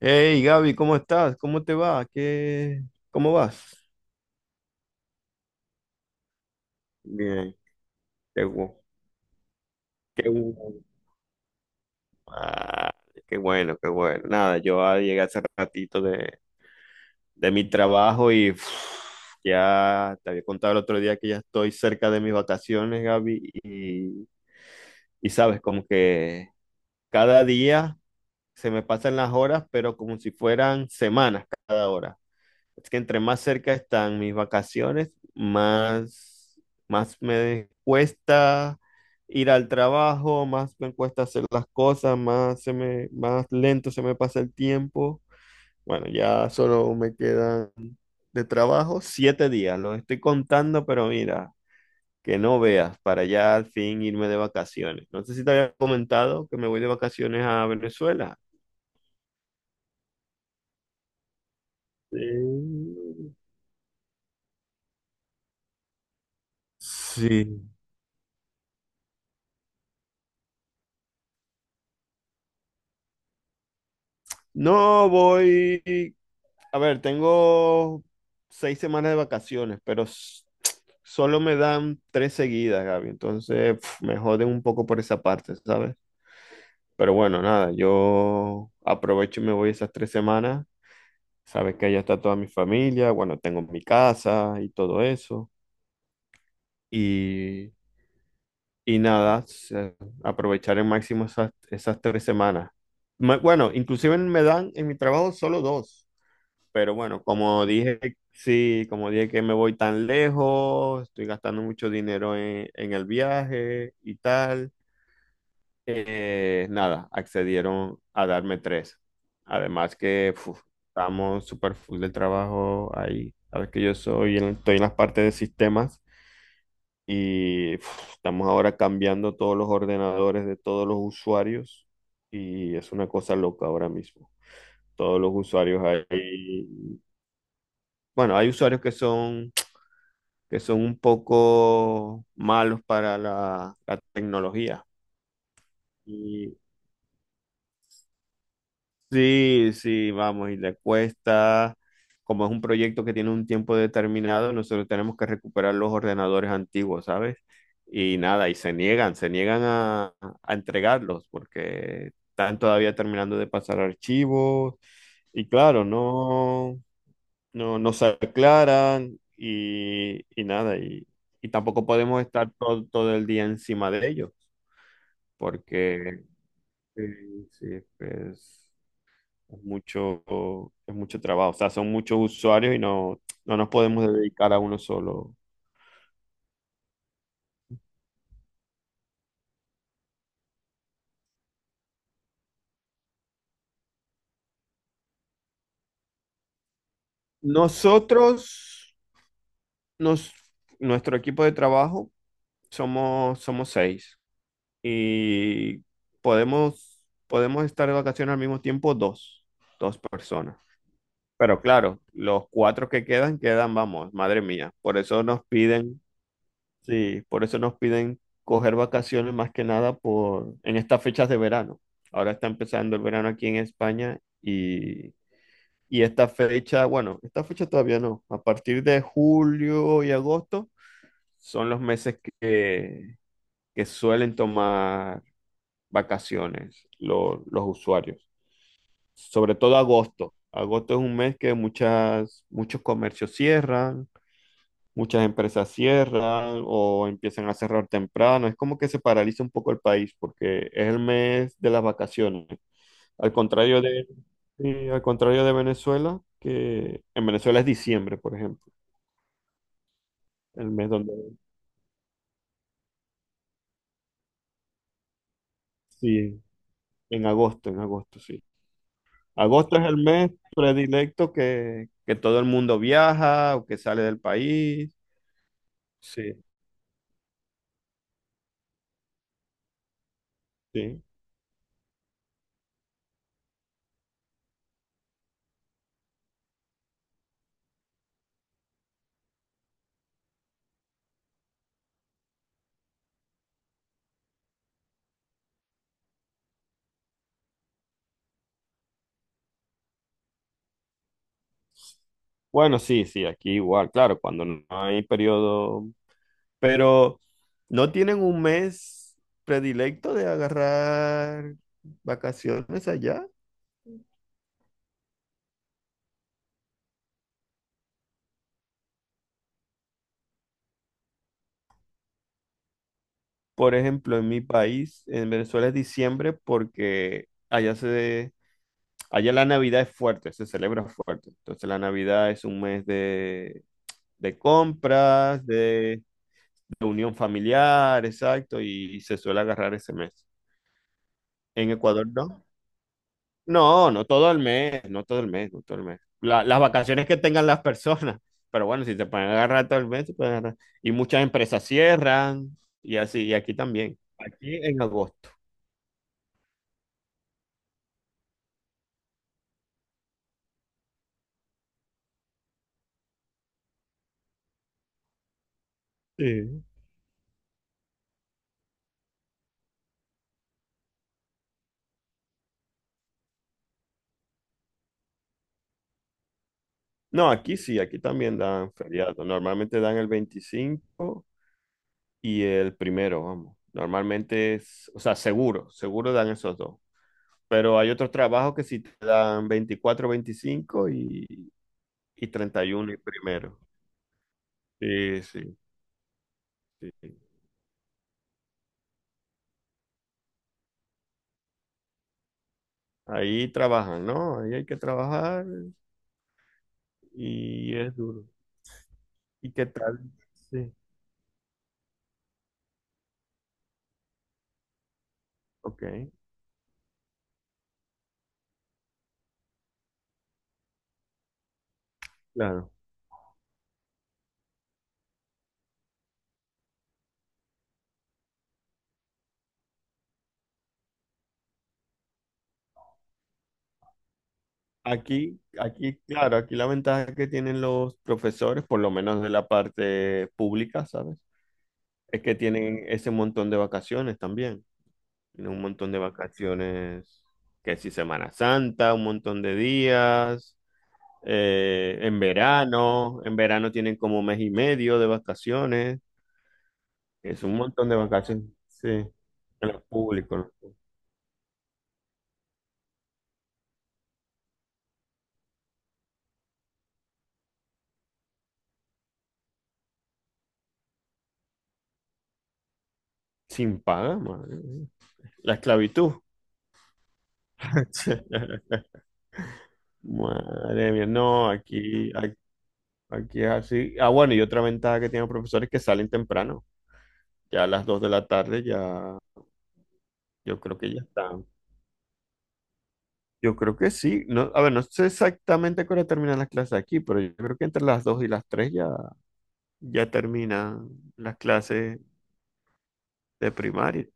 Hey Gaby, ¿cómo estás? ¿Cómo te va? ¿Qué... ¿Cómo vas? Bien, qué bueno, qué bueno. Ah, Qué bueno, qué bueno. Nada, yo llegué hace ratito de mi trabajo y uf, ya te había contado el otro día que ya estoy cerca de mis vacaciones, Gaby, y sabes, como que cada día se me pasan las horas, pero como si fueran semanas cada hora. Es que entre más cerca están mis vacaciones, más, más me cuesta ir al trabajo, más me cuesta hacer las cosas, más se me, más lento se me pasa el tiempo. Bueno, ya solo me quedan de trabajo 7 días. Los estoy contando, pero mira, que no veas, para ya al fin irme de vacaciones. No sé si te había comentado que me voy de vacaciones a Venezuela. Sí. Sí. No voy. A ver, tengo 6 semanas de vacaciones, pero solo me dan 3 seguidas, Gaby. Entonces, pf, me joden un poco por esa parte, ¿sabes? Pero bueno, nada, yo aprovecho y me voy esas 3 semanas. Sabes que allá está toda mi familia, bueno, tengo mi casa y todo eso. Y, y nada, aprovechar al máximo esas, esas 3 semanas. Bueno, inclusive me dan en mi trabajo solo dos. Pero bueno, como dije, sí, como dije que me voy tan lejos, estoy gastando mucho dinero en el viaje y tal, nada, accedieron a darme 3. Además que uf, estamos súper full de trabajo ahí. Sabes que yo soy, estoy en las partes de sistemas y uf, estamos ahora cambiando todos los ordenadores de todos los usuarios y es una cosa loca ahora mismo. Todos los usuarios ahí, bueno, hay usuarios que son, que son un poco malos para la, la tecnología. Y sí, sí, vamos, y le cuesta, como es un proyecto que tiene un tiempo determinado, nosotros tenemos que recuperar los ordenadores antiguos, ¿sabes? Y nada, y se niegan a entregarlos porque están todavía terminando de pasar archivos. Y claro, no, no, no se aclaran y nada, y tampoco podemos estar todo, todo el día encima de ellos, porque sí, pues es mucho, es mucho trabajo, o sea, son muchos usuarios y no, no nos podemos dedicar a uno solo. Nosotros, nos, nuestro equipo de trabajo, somos, somos 6 y podemos, podemos estar de vacaciones al mismo tiempo dos, dos personas. Pero claro, los cuatro que quedan, quedan, vamos, madre mía. Por eso nos piden, sí, por eso nos piden coger vacaciones más que nada por, en estas fechas de verano. Ahora está empezando el verano aquí en España y esta fecha, bueno, esta fecha todavía no. A partir de julio y agosto son los meses que suelen tomar vacaciones los usuarios. Sobre todo agosto. Agosto es un mes que muchas, muchos comercios cierran. Muchas empresas cierran o empiezan a cerrar temprano. Es como que se paraliza un poco el país porque es el mes de las vacaciones. Al contrario de, sí, al contrario de Venezuela, que en Venezuela es diciembre, por ejemplo, el mes donde... Sí, en agosto, sí. Agosto es el mes predilecto que todo el mundo viaja o que sale del país. Sí, sí. Bueno, sí, sí, aquí igual, claro, cuando no hay periodo. Pero no tienen un mes predilecto de agarrar vacaciones allá. Por ejemplo, en mi país, en Venezuela es diciembre porque allá se, allá la Navidad es fuerte, se celebra fuerte. Entonces la Navidad es un mes de compras, de unión familiar, exacto, y se suele agarrar ese mes. En Ecuador no. No, no todo el mes, no todo el mes, no todo el mes. Las vacaciones que tengan las personas, pero bueno, si se pueden agarrar todo el mes, se pueden agarrar. Y muchas empresas cierran y así, y aquí también, aquí en agosto. Sí. No, aquí sí, aquí también dan feriado. Normalmente dan el 25 y el primero, vamos. Normalmente es, o sea, seguro, seguro dan esos dos. Pero hay otros trabajos que sí te dan 24, 25 y 31 y primero. Sí, sí, sí. Sí. Ahí trabajan, ¿no? Ahí hay que trabajar y es duro. ¿Y qué tal? Sí, ok, claro. Aquí, aquí, claro, aquí la ventaja que tienen los profesores, por lo menos de la parte pública, ¿sabes? Es que tienen ese montón de vacaciones también. Tienen un montón de vacaciones, que si Semana Santa, un montón de días, en verano tienen como mes y medio de vacaciones. Es un montón de vacaciones. Sí. En lo público, en lo público. Sin paga, madre mía. La esclavitud. Madre mía, no, aquí, aquí es así. Ah, bueno, y otra ventaja que tienen los profesores es que salen temprano. Ya a las 2 de la tarde ya, yo creo que ya están. Yo creo que sí. No, a ver, no sé exactamente a qué hora terminan las clases aquí, pero yo creo que entre las 2 y las 3 ya, ya terminan las clases de primaria.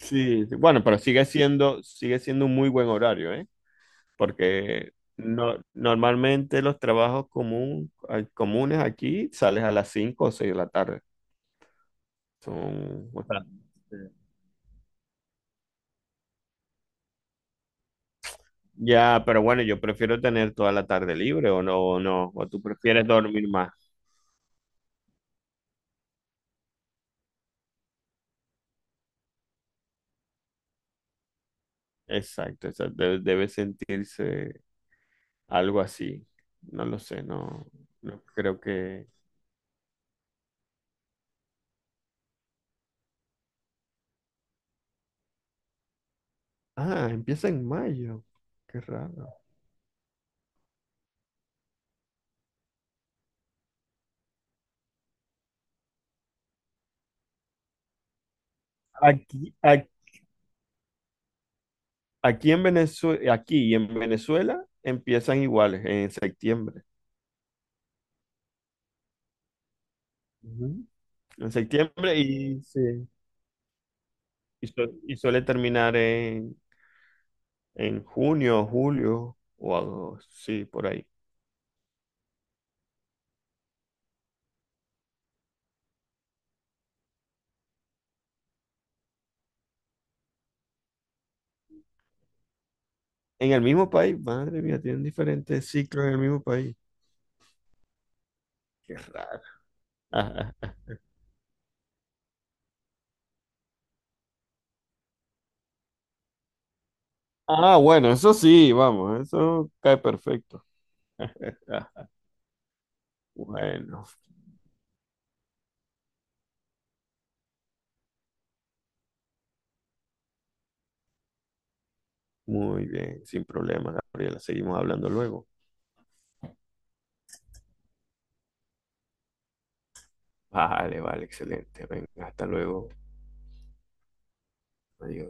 Sí, sí, bueno, pero sigue siendo un muy buen horario, ¿eh? Porque no, normalmente los trabajos ay, comunes aquí sales a las 5 o 6 de la tarde. Son, o sea, sí, ya, pero bueno, yo prefiero tener toda la tarde libre o no, o no, o tú prefieres dormir más. Exacto, o sea, debe sentirse algo así. No lo sé, no, no creo que... Ah, empieza en mayo. Qué raro. Aquí, aquí en Venezuela, aquí y en Venezuela empiezan iguales en septiembre. Ujú. En septiembre y, sí, y, y suele terminar en junio, julio o algo, sí, por ahí. En el mismo país, madre mía, tienen diferentes ciclos en el mismo país. Qué raro. Ah, bueno, eso sí, vamos, eso cae perfecto. Bueno, muy bien, sin problema, Gabriela. Seguimos hablando luego. Vale, vale, excelente. Venga, hasta luego. Adiós.